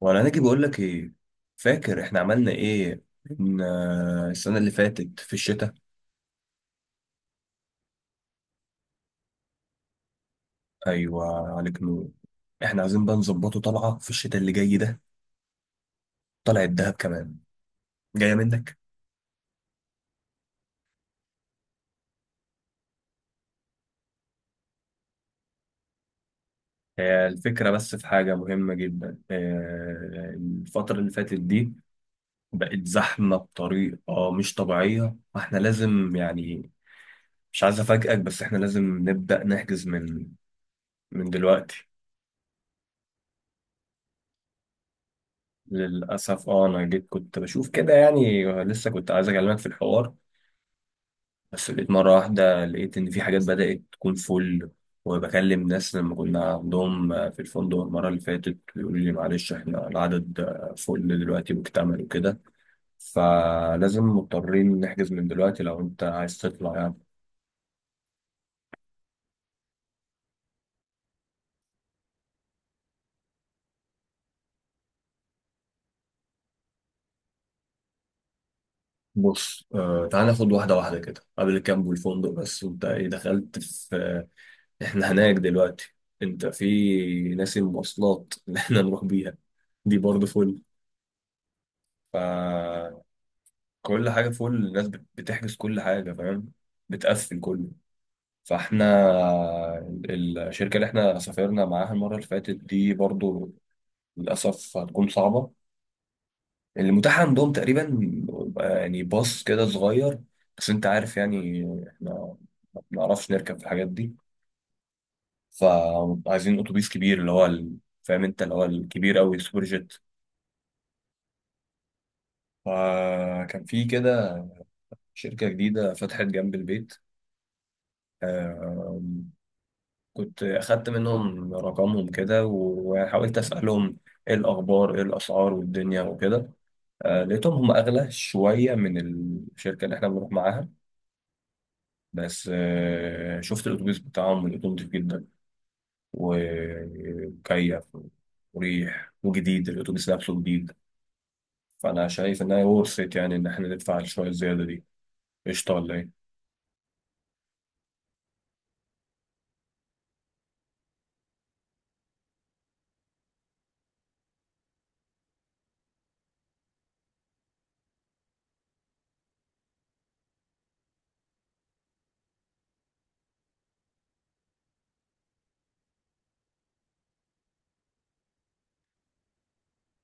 وانا ناجي بقول لك ايه. فاكر احنا عملنا ايه؟ من السنه اللي فاتت في الشتاء. ايوه، عليك نور. احنا عايزين بقى نظبطه طلعه في الشتاء اللي جاي ده، طلعه الدهب كمان، جايه منك. هي الفكره، بس في حاجه مهمه جدا. الفتره اللي فاتت دي بقت زحمه بطريقه مش طبيعيه، فاحنا لازم يعني، مش عايز افاجئك بس احنا لازم نبدا نحجز من دلوقتي. للأسف اه، أنا جيت كنت بشوف كده يعني، لسه كنت عايز أكلمك في الحوار، بس لقيت مرة واحدة لقيت إن في حاجات بدأت تكون فل. وبكلم ناس لما كنا عندهم في الفندق المرة اللي فاتت، يقولوا لي معلش إحنا العدد فل دلوقتي، مكتمل وكده. فلازم مضطرين نحجز من دلوقتي لو أنت عايز تطلع يعني. بص، تعال ناخد واحدة واحدة كده. قبل الكامب والفندق بس، وأنت إيه دخلت في احنا هناك دلوقتي؟ انت في ناس، المواصلات اللي احنا نروح بيها دي برضه فل. فكل حاجة فل. الناس بتحجز كل حاجة، فاهم؟ بتقفل كله. فاحنا الشركة اللي احنا سافرنا معاها المرة اللي فاتت دي برضه للأسف هتكون صعبة. اللي متاح عندهم تقريبا يعني باص كده صغير. بس انت عارف يعني، احنا ما بنعرفش نركب في الحاجات دي. فعايزين اتوبيس كبير، اللي هو فاهم انت، اللي هو الكبير قوي، السوبر جيت. فكان في كده شركة جديدة فتحت جنب البيت. آم، كنت أخدت منهم رقمهم كده وحاولت أسألهم إيه الأخبار إيه الأسعار والدنيا وكده. لقيتهم هم أغلى شوية من الشركة اللي إحنا بنروح معاها. بس شفت الأتوبيس بتاعهم لقيته نضيف جدا، ومكيف وريح وجديد. الأتوبيس نفسه جديد. فانا شايف انها ورثت يعني، ان احنا ندفع شويه الزياده دي. قشطه ولا ايه؟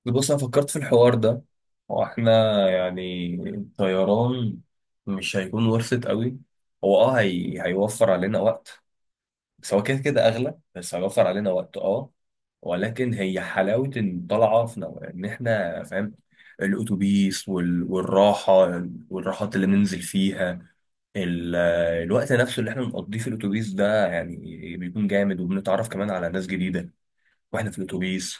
بص، انا فكرت في الحوار ده. هو احنا يعني الطيران مش هيكون ورثت قوي، هو اه هيوفر علينا وقت. بس هو كده كده اغلى بس هيوفر علينا وقت اه. ولكن هي حلاوه ان طالعه في ان احنا فاهم الاتوبيس والراحه، والراحات اللي ننزل فيها. ال- الوقت نفسه اللي احنا بنقضيه في الاتوبيس ده يعني بيكون جامد، وبنتعرف كمان على ناس جديده واحنا في الاتوبيس.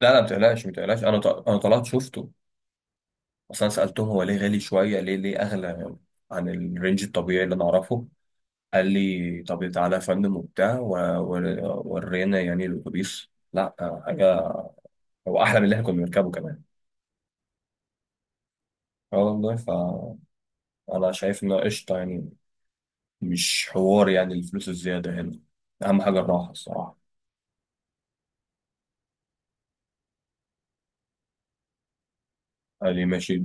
لا لا، ما تقلقش ما تقلقش. انا انا طلعت شفته اصلا. سالتهم هو ليه غالي شويه، ليه اغلى عن الرينج الطبيعي اللي انا اعرفه. قال لي طب تعالى يا فندم وبتاع، ورينا يعني الاتوبيس. لا حاجه، هو احلى من اللي احنا كنا بنركبه كمان. اه والله. فانا شايف انه قشطه يعني، مش حوار يعني الفلوس الزياده هنا، اهم حاجه الراحه الصراحه. قال لي ماشي.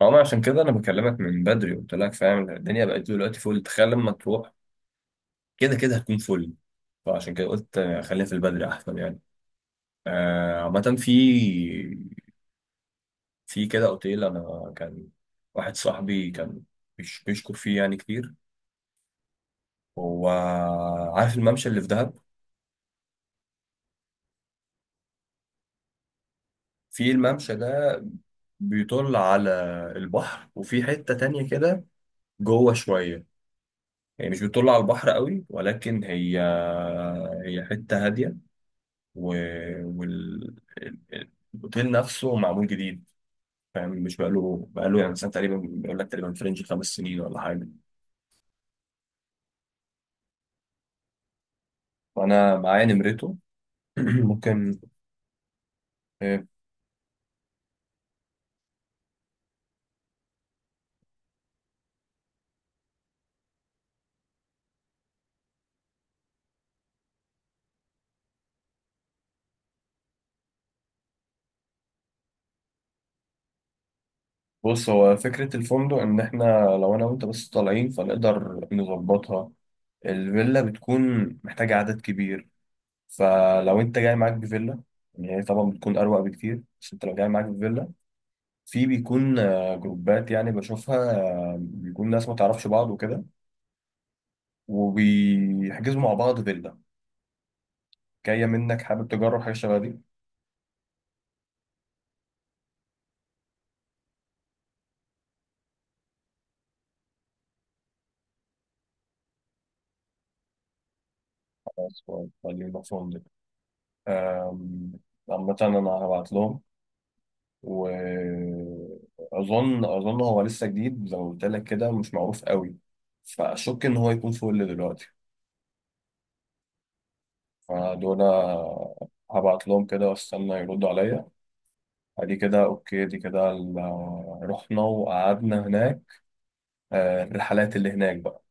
اه، ما عشان كده انا بكلمك من بدري، قلت لك فاهم الدنيا بقت دلوقتي فل. تخيل لما تروح كده كده هتكون فل. فعشان كده قلت خلينا في البدري احسن يعني. عامة، في كده اوتيل انا كان، واحد صاحبي كان بيشكر فيه يعني كتير. هو عارف الممشى اللي في دهب. في الممشى ده بيطل على البحر، وفي حتة تانية كده جوه شوية، يعني مش بتطل على البحر قوي، ولكن هي حتة هادية، والاوتيل نفسه معمول جديد، فاهم؟ مش بقاله يعني سنه تقريبا، بيقول لك تقريبا فرنج 5 سنين ولا حاجه. فانا معايا نمرته. ممكن. آه، بص، هو فكره الفندق ان احنا لو انا وانت بس طالعين، فنقدر نظبطها. الفيلا بتكون محتاجه عدد كبير، فلو انت جاي معاك بفيلا، يعني هي طبعا بتكون اروق بكتير. بس انت لو جاي معاك بفيلا، في بيكون جروبات، يعني بشوفها بيكون ناس ما تعرفش بعض وكده، وبيحجزوا مع بعض فيلا. جاية منك، حابب تجرب حاجة شبه دي؟ خلاص، خليهم نفسهم دي. أم، عامة أنا هبعت لهم. وأظن هو لسه جديد زي ما قلت لك كده، مش معروف قوي، فأشك إن هو يكون فوق اللي دلوقتي. فدول هبعت لهم كده واستنى يردوا عليا. ادي كده اوكي، دي كده رحنا وقعدنا هناك. الرحلات اللي هناك بقى،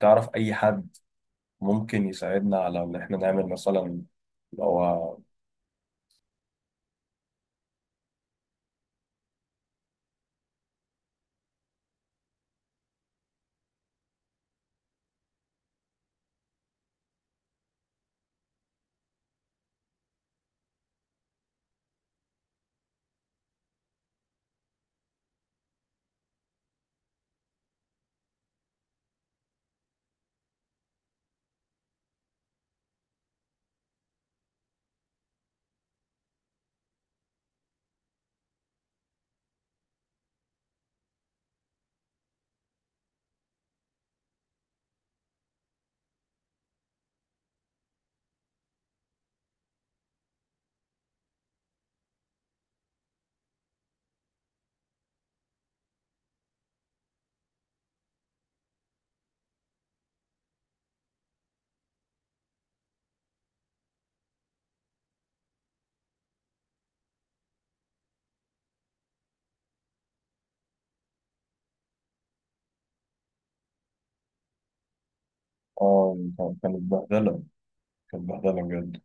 تعرف اي حد ممكن يساعدنا على ان احنا نعمل مثلا؟ هو اه كانت بهدلة، كانت بهدلة بجد.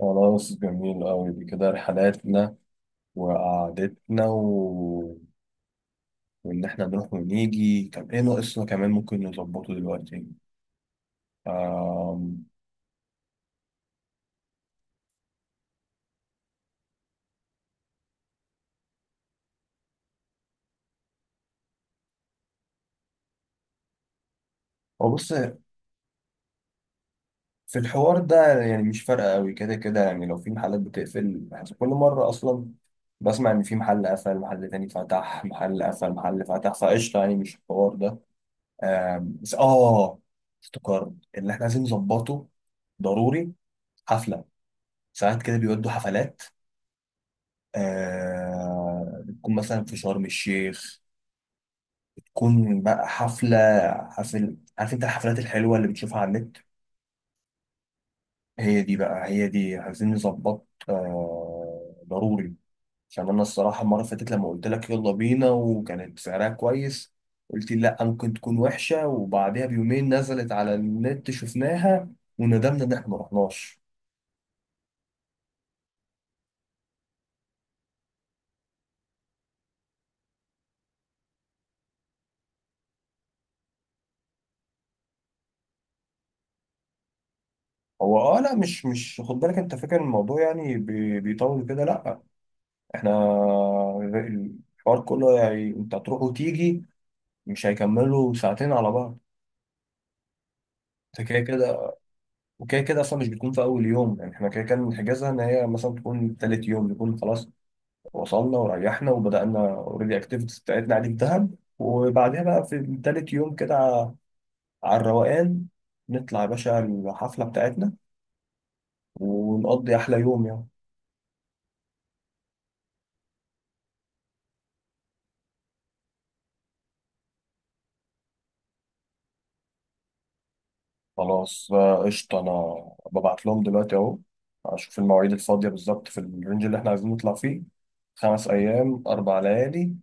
خلاص، جميل أوي. دي كده رحلاتنا وقعدتنا و، وإن إحنا نروح ونيجي. طب إيه ناقصنا كمان ممكن نظبطه دلوقتي؟ آم، هو بص. في الحوار ده يعني مش فارقة أوي، كده كده يعني لو في محلات بتقفل، بحس كل مرة أصلا بسمع إن في محل قفل، محل تاني فتح، محل قفل، محل فتح. فقشطة يعني، مش الحوار ده. بس اه افتكرت اللي احنا عايزين نظبطه ضروري، حفله. ساعات كده بيودوا حفلات، آه بتكون مثلا في شرم الشيخ، تكون بقى حفله، عارف انت الحفلات الحلوه اللي بتشوفها على النت؟ هي دي بقى، هي دي عايزين نظبط آه ضروري. عشان انا الصراحه المره اللي فاتت لما قلت لك يلا بينا وكانت سعرها كويس، قلت لي لا ممكن تكون وحشه، وبعدها بيومين نزلت على النت شفناها وندمنا ان احنا ما رحناش. هو اه، لا مش خد بالك، انت فاكر الموضوع يعني بيطول كده؟ لا، احنا الحوار كله يعني انت هتروح وتيجي، مش هيكملوا ساعتين على بعض. انت كده كده، وكده كده اصلا مش بتكون في اول يوم. يعني احنا كده كده بنحجزها ان هي مثلا تكون تالت يوم. نكون خلاص وصلنا وريحنا وبدأنا اوريدي اكتيفيتيز بتاعتنا عادي في دهب، وبعدها بقى في تالت يوم كده على الروقان نطلع يا باشا الحفلة بتاعتنا، ونقضي أحلى يوم يعني. خلاص قشطة. أنا ببعت لهم دلوقتي أهو، أشوف المواعيد الفاضية بالظبط في الرينج اللي إحنا عايزين نطلع فيه. 5 أيام 4 ليالي.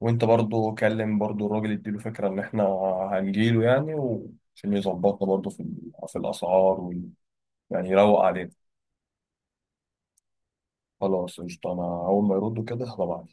وأنت برضو كلم برضو الراجل، يديله فكرة إن إحنا هنجيله يعني، عشان يظبطنا برضو في في الأسعار يعني يروق علينا. خلاص قشطة، أنا أول ما يردوا كده هبعت